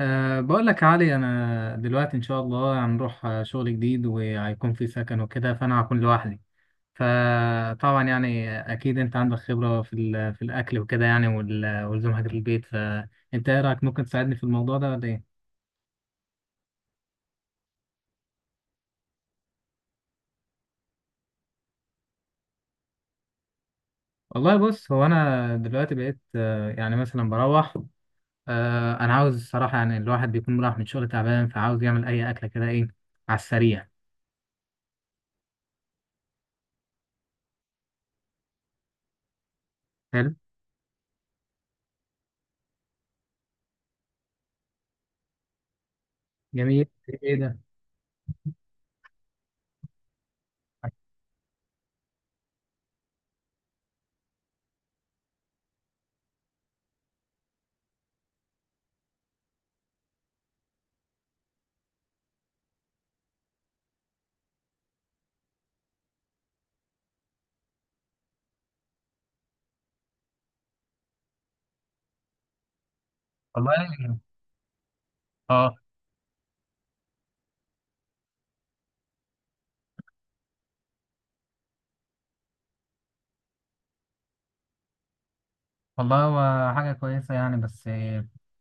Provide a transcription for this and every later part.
بقول لك يا علي، أنا دلوقتي إن شاء الله هنروح شغل جديد، وهيكون في سكن وكده، فأنا هكون لوحدي. فطبعا يعني أكيد أنت عندك خبرة في الأكل وكده، يعني والزمها في البيت. فأنت إيه رأيك، ممكن تساعدني في الموضوع ده ولا إيه؟ والله بص، هو أنا دلوقتي بقيت يعني مثلا بروح. أنا عاوز الصراحة، يعني الواحد بيكون رايح من شغل تعبان، فعاوز يعمل أي أكلة كده، إيه على السريع. حلو. جميل. إيه ده؟ والله. اه. والله هو حاجة كويسة يعني، بس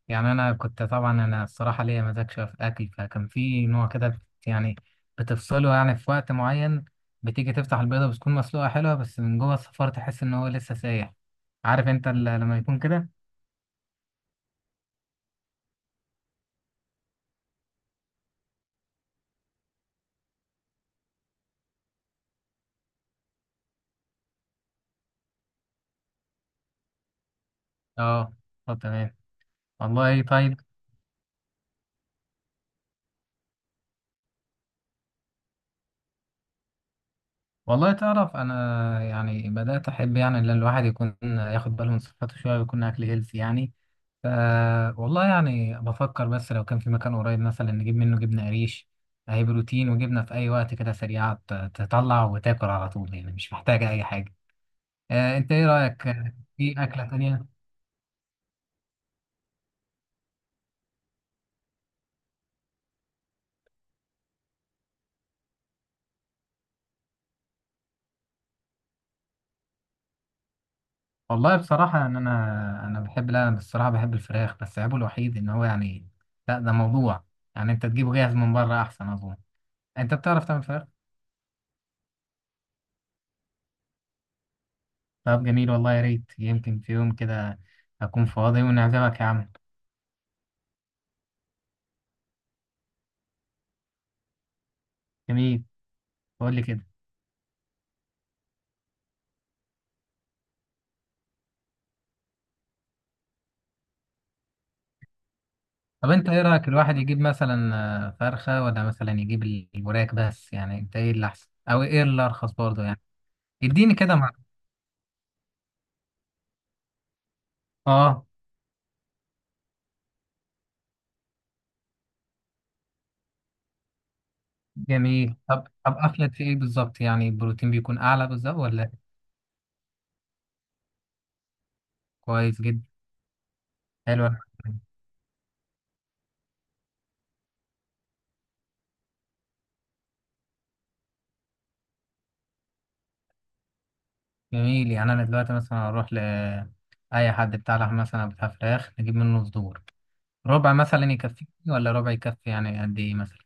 يعني أنا كنت، طبعا أنا الصراحة ليا مزاج شوية في الأكل، فكان في نوع كده يعني بتفصله يعني في وقت معين. بتيجي تفتح البيضة، بتكون مسلوقة حلوة، بس من جوه الصفار تحس إن هو لسه سايح. عارف أنت لما يكون كده؟ أه. طب تمام. والله طيب. والله تعرف أنا يعني بدأت أحب يعني إن الواحد يكون ياخد باله من صحته شوية، ويكون أكل هيلثي يعني. ف والله يعني بفكر، بس لو كان في مكان قريب مثلا نجيب منه جبنة قريش. هي بروتين وجبنة، في أي وقت كده سريعة، تطلع وتاكل على طول، يعني مش محتاجة أي حاجة. أنت إيه رأيك في أكلة تانية؟ والله بصراحة إن أنا، أنا بحب، لا أنا بصراحة بحب الفراخ، بس عيبه الوحيد إن هو يعني، لا ده موضوع يعني أنت تجيبه جاهز من بره أحسن أظن. أنت بتعرف تعمل فراخ؟ طب جميل، والله يا ريت، يمكن في يوم كده أكون فاضي ونعزمك يا عم. جميل. قول لي كده. طب انت ايه رأيك، الواحد يجيب مثلا فرخة، ولا مثلا يجيب الوراك بس؟ يعني انت ايه اللي احسن، او ايه اللي ارخص برضه يعني؟ اديني كده مع. اه. جميل. طب افلت في ايه بالظبط، يعني البروتين بيكون اعلى بالظبط ولا؟ كويس جدا. حلو الحكاية. جميل. يعني انا دلوقتي مثلا اروح ل اي حد بتاع لحم مثلا، أو بتاع فراخ، نجيب منه صدور. ربع مثلا يكفيني، ولا ربع يكفي يعني قد ايه مثلا؟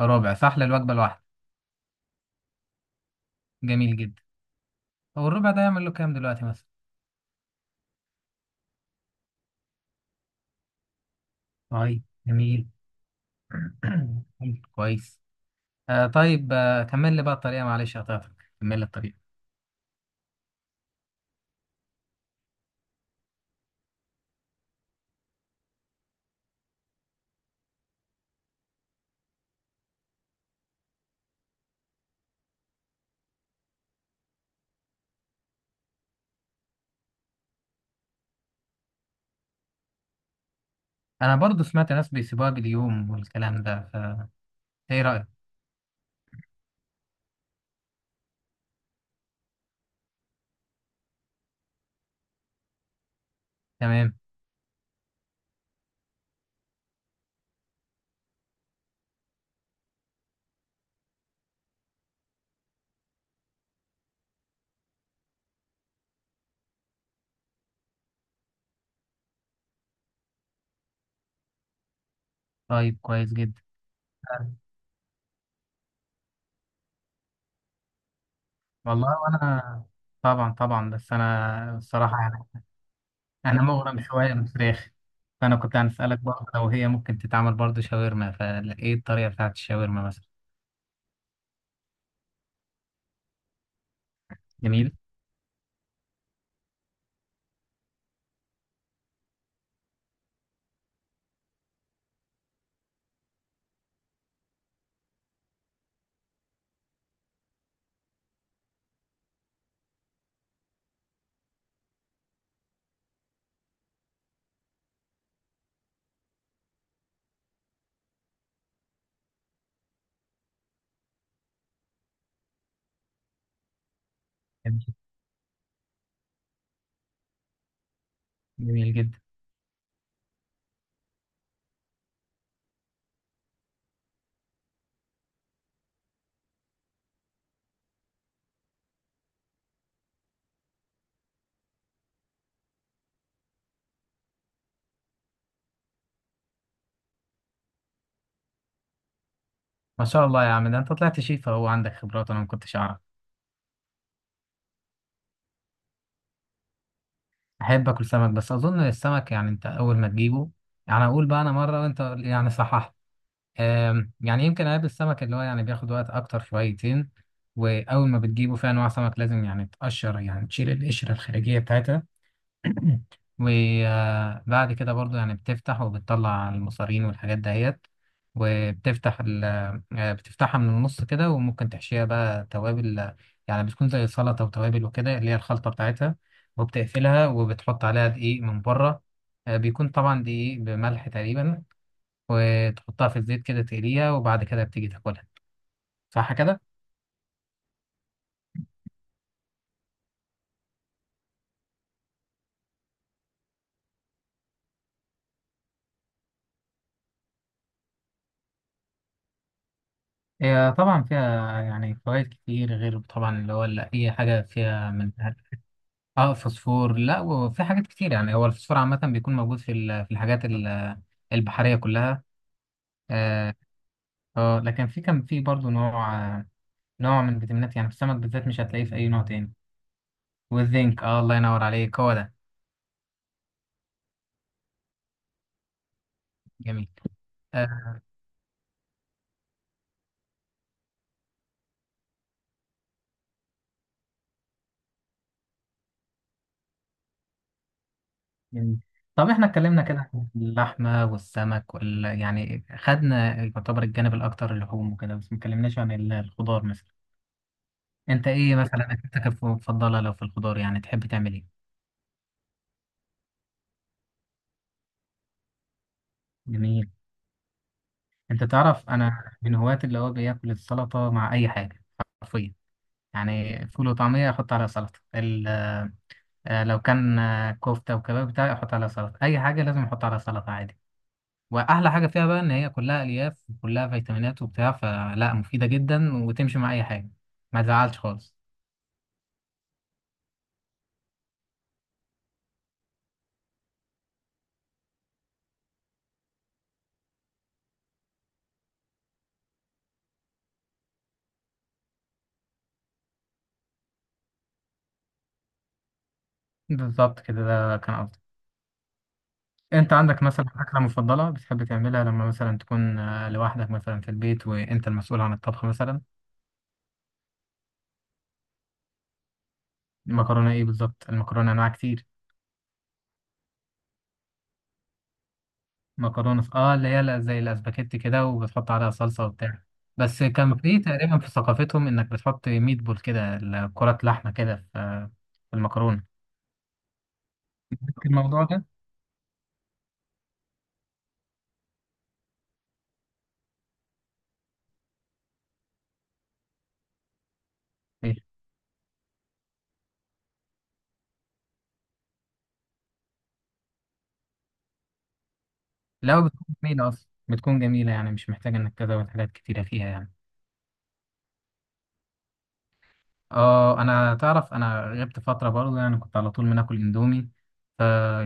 ربع صح للوجبة الواحدة. جميل جدا. هو الربع ده يعمل له كام دلوقتي مثلا؟ طيب جميل. كويس. طيب، كمل لي بقى الطريقة، معلش قطعتك. كمل لي الطريقة. أنا برضو سمعت ناس بيسيبوها باليوم والكلام ده، إيه رأيك؟ تمام. طيب كويس جدا. والله وأنا طبعا طبعا، بس أنا الصراحة يعني أنا مغرم شوية بالفراخ. فأنا كنت هنسألك برضه، لو هي ممكن تتعمل برضه شاورما، فإيه الطريقة بتاعت الشاورما مثلا؟ جميل جميل. جميل جدا. ما شاء الله يا عم، ده أنت طلعت شيف أهو، عندك خبرات أنا ما كنتش أعرف. احب اكل سمك، بس اظن السمك يعني انت اول ما تجيبه، يعني اقول بقى انا مره، وانت يعني صححت. يعني يمكن اقابل السمك، اللي هو يعني بياخد وقت اكتر شويتين. واول ما بتجيبه، في انواع سمك لازم يعني تقشر، يعني تشيل القشره الخارجيه بتاعتها. وبعد كده برضو يعني بتفتح وبتطلع المصارين والحاجات دهيت، وبتفتح بتفتحها من النص كده، وممكن تحشيها بقى توابل. يعني بتكون زي سلطة وتوابل وكده، اللي هي الخلطة بتاعتها. وبتقفلها، وبتحط عليها دقيق من بره. بيكون طبعا دقيق بملح تقريبا. وتحطها في الزيت كده تقليها، وبعد كده بتيجي تاكلها. صح كده؟ هي طبعا فيها يعني فوائد كتير، غير طبعا اللي هو، اللي أي حاجة فيها من، اه، فوسفور. لا، وفي حاجات كتير يعني. هو الفوسفور عامة بيكون موجود في الحاجات البحرية كلها. اه. لكن في، كان في برضه نوع نوع من الفيتامينات يعني، في السمك بالذات مش هتلاقيه في أي نوع تاني. والزنك، الله ينور عليك، هو ده. جميل. آه. جميل. طب احنا اتكلمنا كده عن اللحمة والسمك وال، يعني خدنا يعتبر الجانب الأكتر، اللحوم وكده، بس ما اتكلمناش عن الخضار مثلا. انت ايه مثلا أكلتك المفضلة لو في الخضار، يعني تحب تعمل ايه؟ جميل. انت تعرف انا من هواة اللي هو بياكل السلطه مع اي حاجه، حرفيا. يعني فول وطعميه احط عليها سلطه، لو كان كفته وكباب بتاعي احط عليها سلطه، اي حاجه لازم احط عليها سلطه عادي. واحلى حاجه فيها بقى ان هي كلها الياف وكلها فيتامينات وبتاع، فلا مفيده جدا وتمشي مع اي حاجه، ما تزعلش خالص. بالظبط كده، ده كان قصدي. انت عندك مثلا اكله مفضله بتحب تعملها لما مثلا تكون لوحدك مثلا في البيت، وانت المسؤول عن الطبخ مثلا؟ المكرونه ايه بالظبط؟ المكرونه انواع كتير. مكرونه اللي هي زي الاسباجيتي كده، وبتحط عليها صلصه وبتاع. بس كان، طب في تقريبا في ثقافتهم انك بتحط ميت بول كده، كرات لحمه كده في، في المكرونه. عندك الموضوع ده؟ ايه. لا بتكون جميله اصلا، بتكون جميله يعني، مش محتاجه انك تزود حاجات كتيره فيها يعني. اه انا، تعرف انا غبت فتره برضه يعني، كنت على طول بناكل اندومي.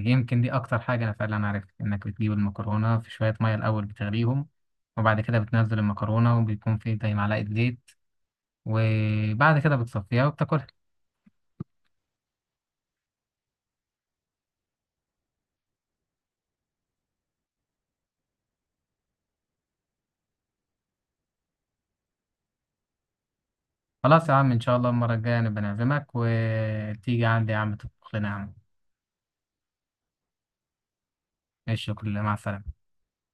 فيمكن دي اكتر حاجه انا فعلا عرفت، انك بتجيب المكرونه في شويه ميه الاول بتغليهم، وبعد كده بتنزل المكرونه، وبيكون في زي معلقه زيت، وبعد كده بتصفيها وبتاكلها. خلاص يا عم، ان شاء الله المره الجايه نبقى نعزمك، وتيجي عندي يا عم تطبخ لنا يا عم. ماشي، كله مع السلامه.